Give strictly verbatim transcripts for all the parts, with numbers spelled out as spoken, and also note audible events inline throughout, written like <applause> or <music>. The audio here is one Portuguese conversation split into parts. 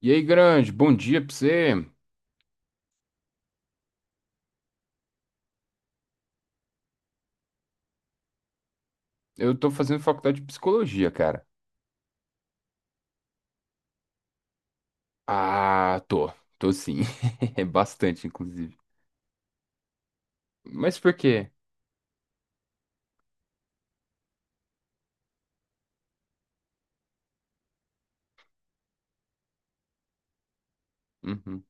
E aí, grande, bom dia pra você. Eu tô fazendo faculdade de psicologia, cara. Ah, tô. Tô sim. <laughs> É bastante, inclusive. Mas por quê? Uhum.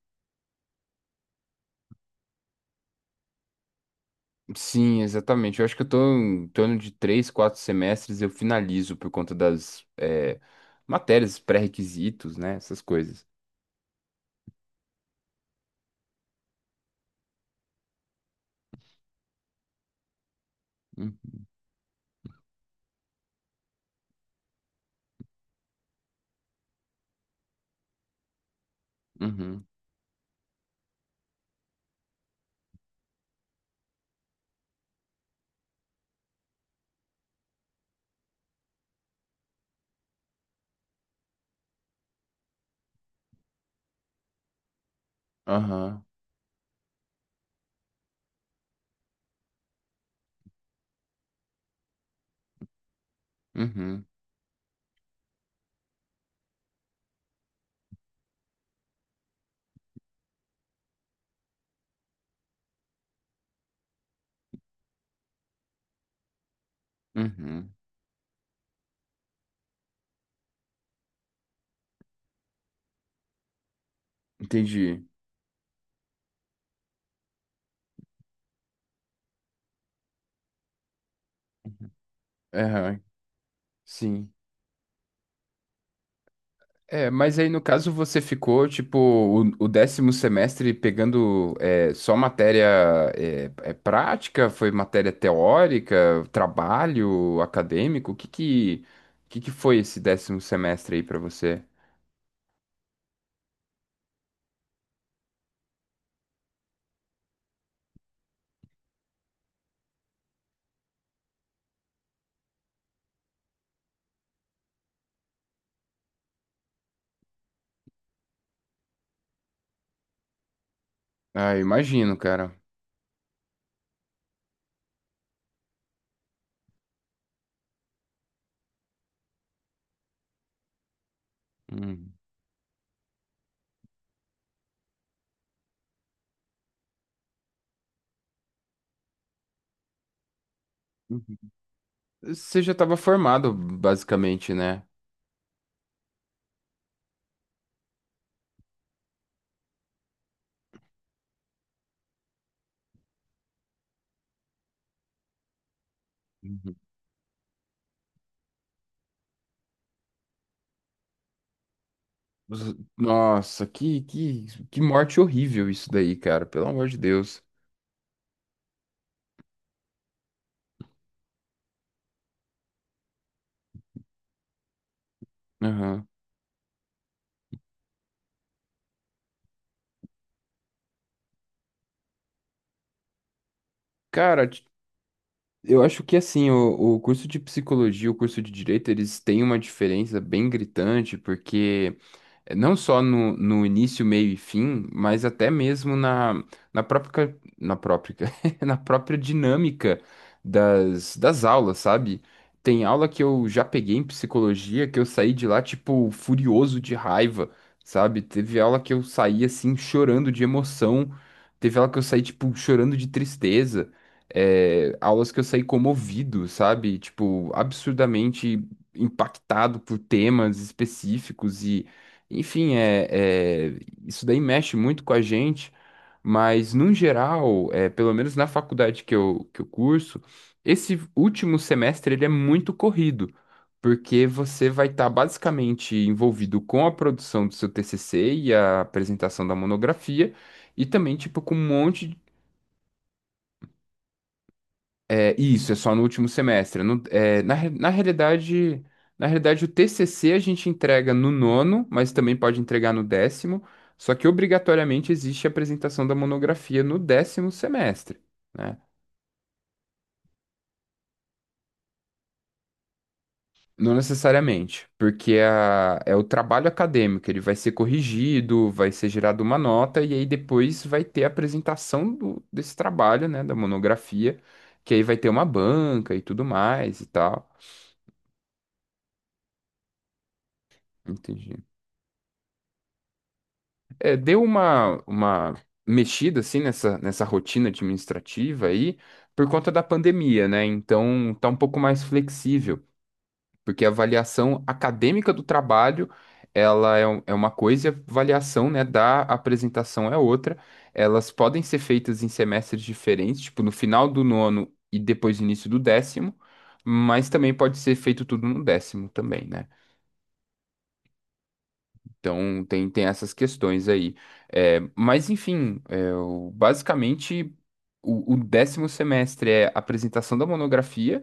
Sim, exatamente. Eu acho que eu tô em torno de três, quatro semestres eu finalizo por conta das é, matérias, pré-requisitos, né? Essas coisas. Uhum, uhum, aham, uhum, uhum. Entendi. Aham, sim. É, mas aí no caso você ficou, tipo, o, o décimo semestre pegando é, só matéria é, é prática? Foi matéria teórica, trabalho acadêmico? O que que, o que que foi esse décimo semestre aí pra você? Ah, eu imagino, cara. Hum. Uhum. Você já estava formado, basicamente, né? Uhum. Z- Nossa, que, que, que morte horrível isso daí, cara. Pelo amor de Deus. Aham. Cara, eu acho que assim, o, o curso de psicologia e o curso de direito, eles têm uma diferença bem gritante, porque eh, não só no, no início, meio e fim, mas até mesmo na, na própria, na própria, <laughs> na própria dinâmica das, das aulas, sabe? Tem aula que eu já peguei em psicologia que eu saí de lá, tipo, furioso de raiva, sabe? Teve aula que eu saí, assim, chorando de emoção. Teve aula que eu saí, tipo, chorando de tristeza. É, aulas que eu saí comovido, sabe? Tipo, absurdamente impactado por temas específicos enfim, é, é- isso daí mexe muito com a gente, mas no geral, é, pelo menos na faculdade que eu, que eu curso, esse último semestre ele é muito corrido, porque você vai estar basicamente envolvido com a produção do seu T C C e a apresentação da monografia, e também tipo com um monte é, isso, é só no último semestre. Não- é, na, re- na realidade, na realidade, o T C C a gente entrega no nono, mas também pode entregar no décimo, só que obrigatoriamente existe a apresentação da monografia no décimo semestre, né? Não necessariamente, porque é a- é o trabalho acadêmico, ele vai ser corrigido, vai ser gerada uma nota, e aí depois vai ter a apresentação do- desse trabalho, né, da monografia, que aí vai ter uma banca e tudo mais e tal. Entendi. É, deu uma, uma mexida assim nessa, nessa rotina administrativa aí por conta da pandemia, né? Então tá um pouco mais flexível, porque a avaliação acadêmica do trabalho ela é, um- é uma coisa e a avaliação, né, da apresentação é outra. Elas podem ser feitas em semestres diferentes, tipo no final do nono e depois início do décimo, mas também pode ser feito tudo no décimo também, né? Então tem, tem essas questões aí. É, mas enfim, é, o- basicamente o, o décimo semestre é apresentação da monografia.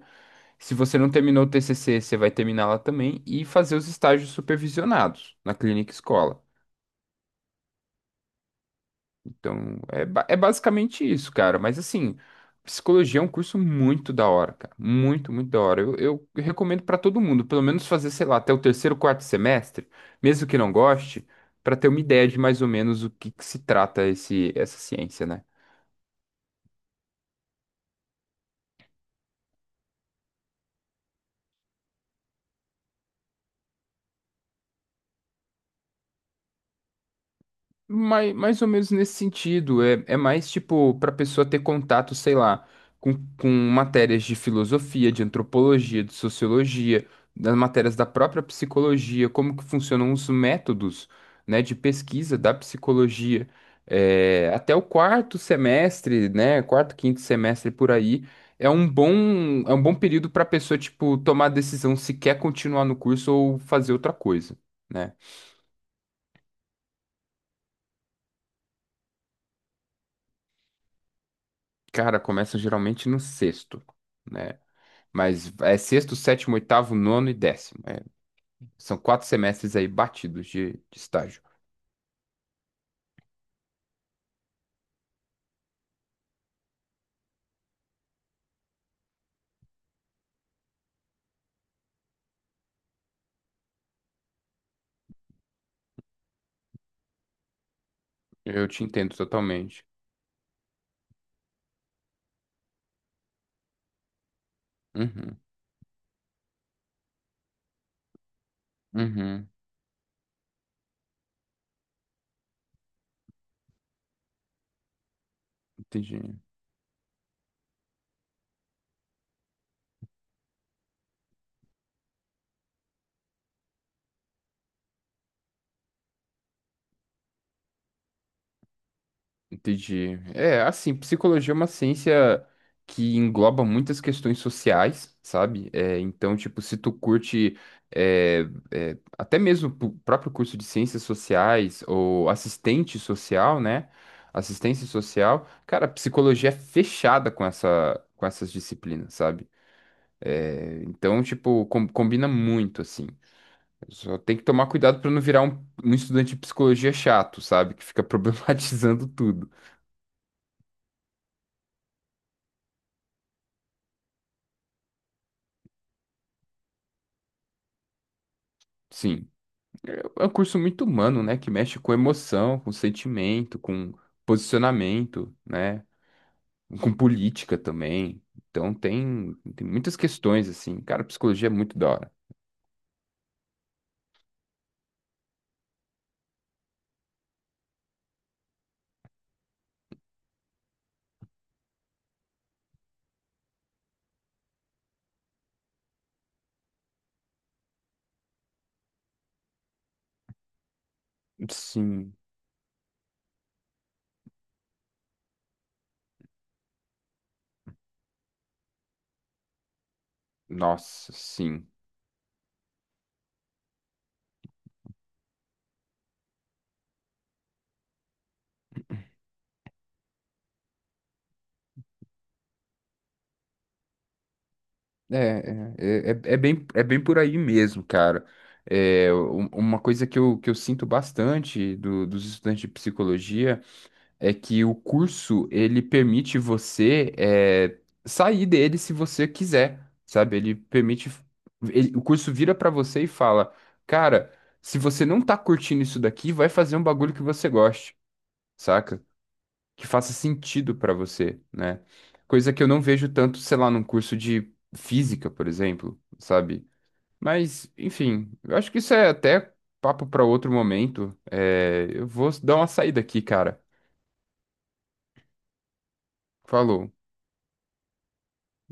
Se você não terminou o T C C, você vai terminá-la também e fazer os estágios supervisionados na clínica escola. Então, é, ba- é basicamente isso, cara. Mas assim, psicologia é um curso muito da hora, cara. Muito, muito da hora. Eu, eu recomendo pra todo mundo, pelo menos fazer, sei lá, até o terceiro, quarto semestre, mesmo que não goste, pra ter uma ideia de mais ou menos o que, que se trata esse, essa ciência, né? Mais, mais ou menos nesse sentido. É, é mais tipo para pessoa ter contato, sei lá, com, com matérias de filosofia, de antropologia, de sociologia, das matérias da própria psicologia, como que funcionam os métodos, né, de pesquisa da psicologia. É, até o quarto semestre, né, quarto, quinto semestre por aí, é um bom, é um bom período para pessoa, tipo, tomar a decisão se quer continuar no curso ou fazer outra coisa. Né? Cara, começa geralmente no sexto, né? Mas é sexto, sétimo, oitavo, nono e décimo. É, são quatro semestres aí batidos de, de estágio. Eu te entendo totalmente. Uhum, uhum, entendi. Entendi. É, assim, psicologia é uma ciência que engloba muitas questões sociais, sabe? É, então, tipo, se tu curte é, é, até mesmo o próprio curso de ciências sociais ou assistente social, né? Assistência social, cara, a psicologia é fechada com essa, com essas disciplinas, sabe? É, então, tipo, com- combina muito, assim. Só tem que tomar cuidado pra não virar um, um estudante de psicologia chato, sabe? Que fica <laughs> problematizando tudo. Sim. É um curso muito humano, né? Que mexe com emoção, com sentimento, com posicionamento, né? Com política também. Então tem, tem muitas questões, assim. Cara, psicologia é muito da hora. Sim, nossa, sim. É, é, é, é é bem, é bem por aí mesmo, cara. É, um- uma coisa que eu, que eu sinto bastante do, dos estudantes de psicologia. É que o curso ele permite você é, sair dele se você quiser, sabe? Ele permite, ele- o curso vira pra você e fala, cara, se você não tá curtindo isso daqui, vai fazer um bagulho que você goste, saca? Que faça sentido pra você, né? Coisa que eu não vejo tanto, sei lá, num curso de física, por exemplo, sabe? Mas, enfim, eu acho que isso é até papo pra outro momento. É, eu vou dar uma saída aqui, cara. Falou.